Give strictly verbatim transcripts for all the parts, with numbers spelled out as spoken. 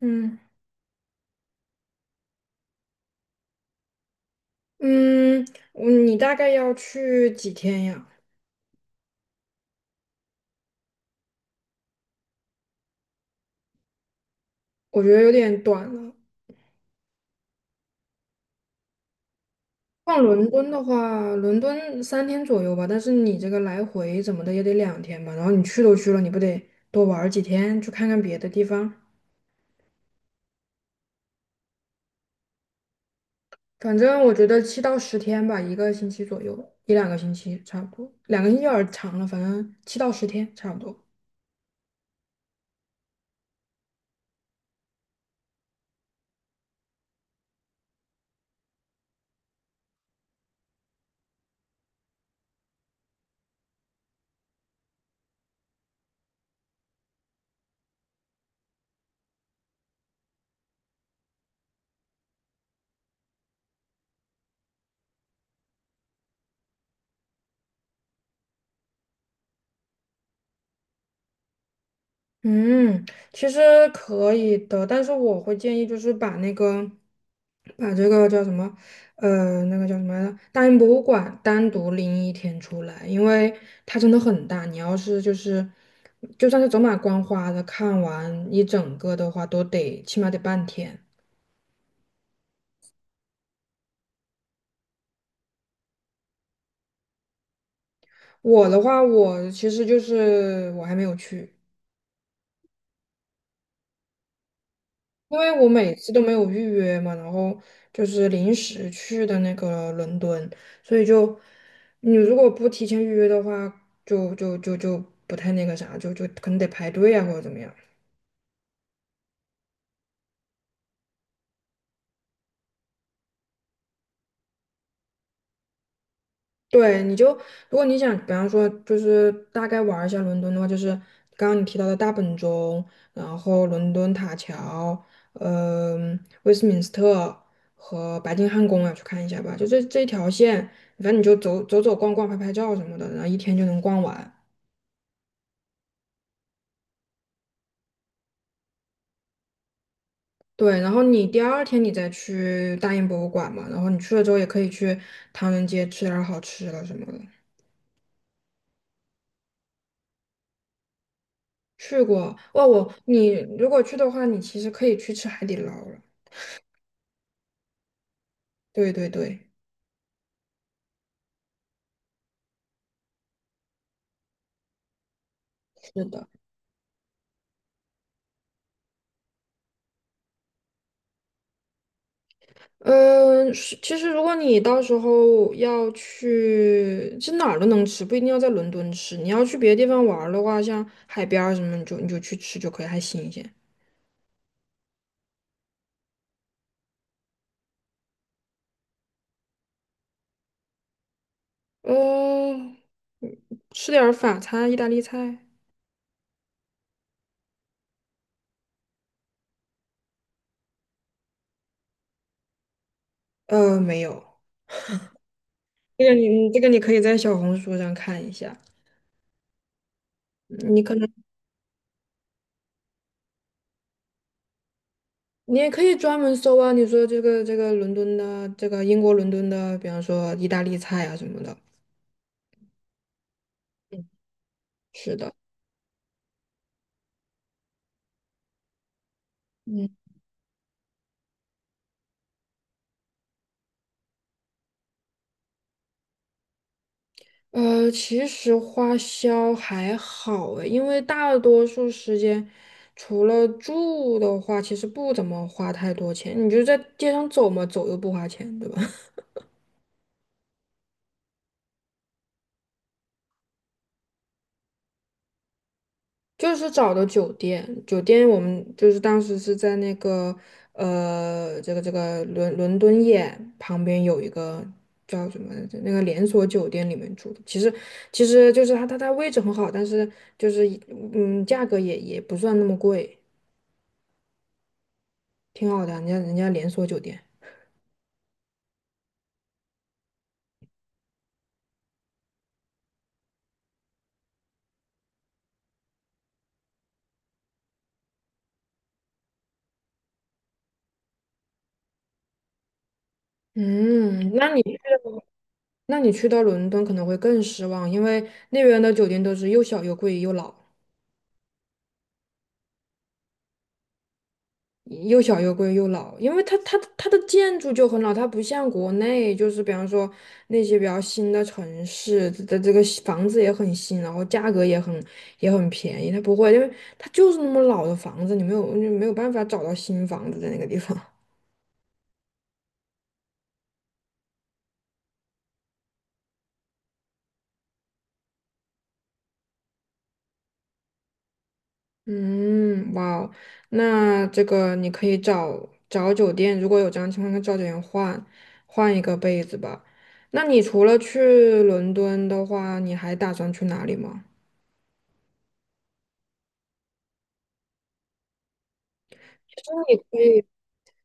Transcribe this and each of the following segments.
嗯嗯，嗯你大概要去几天呀？我觉得有点短了。逛伦敦的话，伦敦三天左右吧，但是你这个来回怎么的也得两天吧。然后你去都去了，你不得多玩儿几天，去看看别的地方？反正我觉得七到十天吧，一个星期左右，一两个星期差不多，两个星期有点儿长了，反正七到十天差不多。嗯，其实可以的，但是我会建议就是把那个，把这个叫什么，呃，那个叫什么来着，大英博物馆单独拎一天出来，因为它真的很大，你要是就是，就算是走马观花的看完一整个的话，都得起码得半天。我的话，我其实就是我还没有去。因为我每次都没有预约嘛，然后就是临时去的那个伦敦，所以就你如果不提前预约的话，就就就就不太那个啥，就就可能得排队啊或者怎么样。对，你就如果你想，比方说，就是大概玩儿一下伦敦的话，就是刚刚你提到的大本钟，然后伦敦塔桥，嗯、威斯敏斯特和白金汉宫啊，去看一下吧。就这这一条线，反正你就走走走逛逛、拍拍照什么的，然后一天就能逛完。对，然后你第二天你再去大英博物馆嘛，然后你去了之后也可以去唐人街吃点儿好吃的什么的。去过哦，我你如果去的话，你其实可以去吃海底捞了。对对对，是的，嗯，是其实如果你到时候要去，是哪儿都能吃，不一定要在伦敦吃。你要去别的地方玩儿的话，像海边儿什么，你就你就去吃就可以，还新鲜。嗯，吃点儿法餐、意大利菜。呃，没有，这个你嗯这个你可以在小红书上看一下，嗯你可能你也可以专门搜啊，你说这个这个伦敦的这个英国伦敦的，比方说意大利菜啊什么的。嗯，是的。嗯。呃，其实花销还好诶，因为大多数时间除了住的话，其实不怎么花太多钱。你就在街上走嘛，走又不花钱，对吧？就是找的酒店，酒店我们就是当时是在那个呃，这个这个伦伦敦眼旁边有一个叫什么来着，那个连锁酒店里面住的。其实其实就是它它它位置很好，但是就是嗯，价格也也不算那么贵。挺好的，人家人家连锁酒店。嗯，那你去那你去到伦敦可能会更失望，因为那边的酒店都是又小又贵又老，又小又贵又老，因为它它它的建筑就很老，它不像国内，就是比方说那些比较新的城市的这个房子也很新，然后价格也很也很便宜，它不会，因为它就是那么老的房子，你没有你没有办法找到新房子在那个地方。嗯，哇哦，那这个你可以找找酒店，如果有这样情况，跟以找酒店换换一个被子吧。那你除了去伦敦的话，你还打算去哪里吗？其实你可以，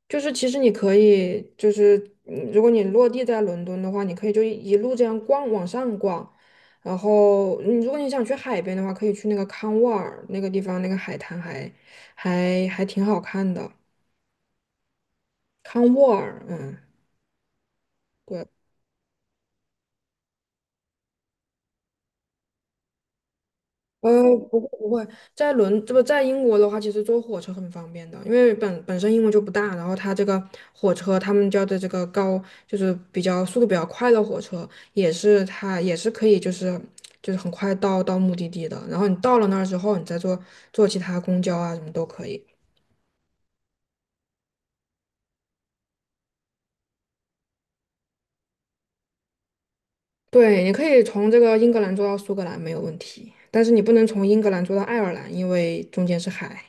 就是其实你可以，就是嗯如果你落地在伦敦的话，你可以就一一路这样逛，往上逛。然后，你如果你想去海边的话，可以去那个康沃尔那个地方，那个海滩还还还挺好看的。康沃尔，嗯。对。呃，不会不会，在伦这不在英国的话，其实坐火车很方便的，因为本本身英国就不大，然后它这个火车，他们叫的这个高，就是比较速度比较快的火车，也是它也是可以就是就是很快到到目的地的，然后你到了那儿之后，你再坐坐其他公交啊什么都可以。对，你可以从这个英格兰坐到苏格兰没有问题，但是你不能从英格兰坐到爱尔兰，因为中间是海。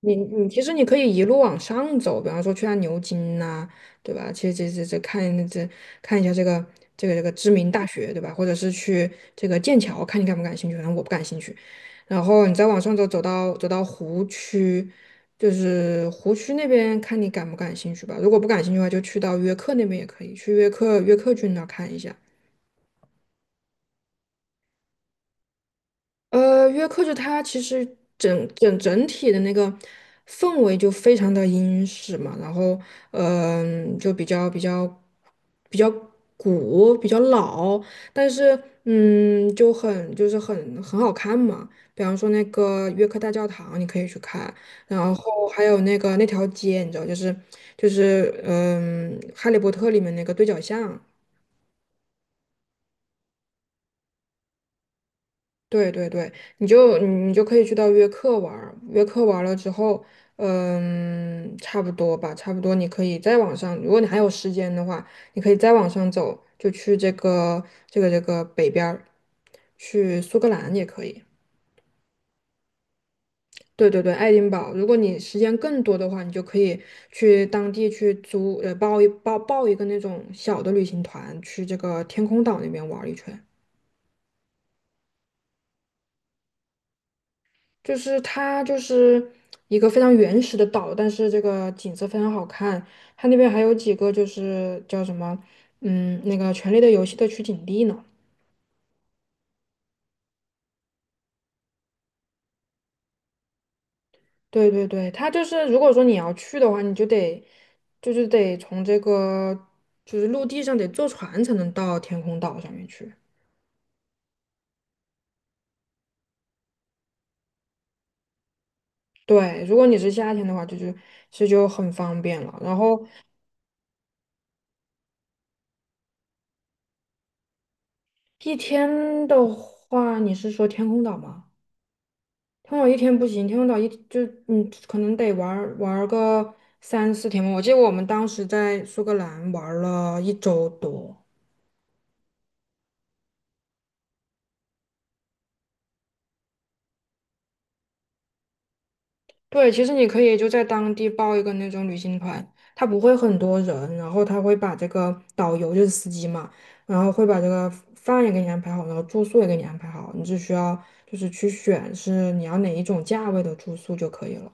你你其实你可以一路往上走，比方说去下牛津呐、对吧？其实这这这看这看一下这个这个这个知名大学，对吧？或者是去这个剑桥，看你感不感兴趣。反正我不感兴趣。然后你再往上走，走到走到湖区，就是湖区那边看你感不感兴趣吧。如果不感兴趣的话，就去到约克那边也可以，去约克约克郡那儿看一下。呃，约克就它其实整整整体的那个氛围就非常的英式嘛，然后嗯、就比较比较比较古，比较老，但是嗯，就很就是很很好看嘛。比方说那个约克大教堂，你可以去看，然后还有那个那条街，你知道，就是就是嗯，《哈利波特》里面那个对角巷。对对对，你就你就可以去到约克玩儿，约克玩了之后，嗯，差不多吧，差不多你可以再往上，如果你还有时间的话，你可以再往上走，就去这个这个这个北边儿，去苏格兰也可以。对对对，爱丁堡，如果你时间更多的话，你就可以去当地去租，呃，报一报报一个那种小的旅行团，去这个天空岛那边玩儿一圈。就是它就是一个非常原始的岛，但是这个景色非常好看。它那边还有几个就是叫什么，嗯，那个《权力的游戏》的取景地呢。对对对，它就是如果说你要去的话，你就得就是得从这个就是陆地上得坐船才能到天空岛上面去。对，如果你是夏天的话，就就其实就很方便了。然后一天的话，你是说天空岛吗？通岛一天不行，天空岛一就你可能得玩儿玩儿个三四天吧。我记得我们当时在苏格兰玩儿了一周多。对，其实你可以就在当地报一个那种旅行团，他不会很多人，然后他会把这个导游就是司机嘛，然后会把这个饭也给你安排好，然后住宿也给你安排好，你只需要就是去选是你要哪一种价位的住宿就可以了，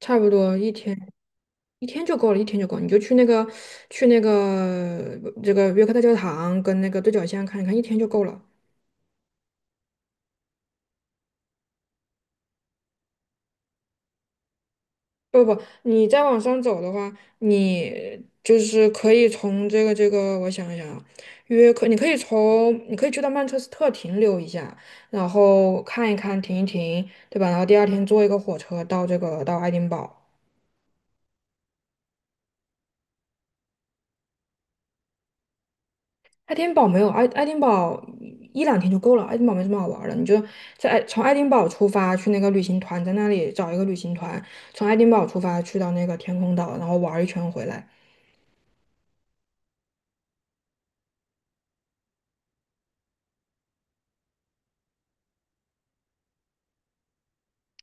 差不多一天。一天就够了，一天就够了，你就去那个去那个这个约克大教堂跟那个对角线看一看，一天就够了。不不，你再往上走的话，你就是可以从这个这个，我想一想啊，约克，你可以从你可以去到曼彻斯特停留一下，然后看一看，停一停，对吧？然后第二天坐一个火车到这个到爱丁堡。爱丁堡没有爱爱丁堡一两天就够了，爱丁堡没什么好玩儿的，你就在爱从爱丁堡出发去那个旅行团，在那里找一个旅行团，从爱丁堡出发去到那个天空岛，然后玩儿一圈回来。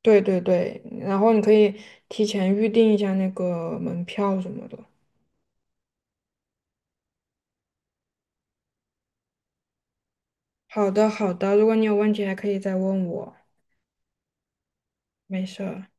对对对，然后你可以提前预定一下那个门票什么的。好的好的，如果你有问题还可以再问我，没事儿。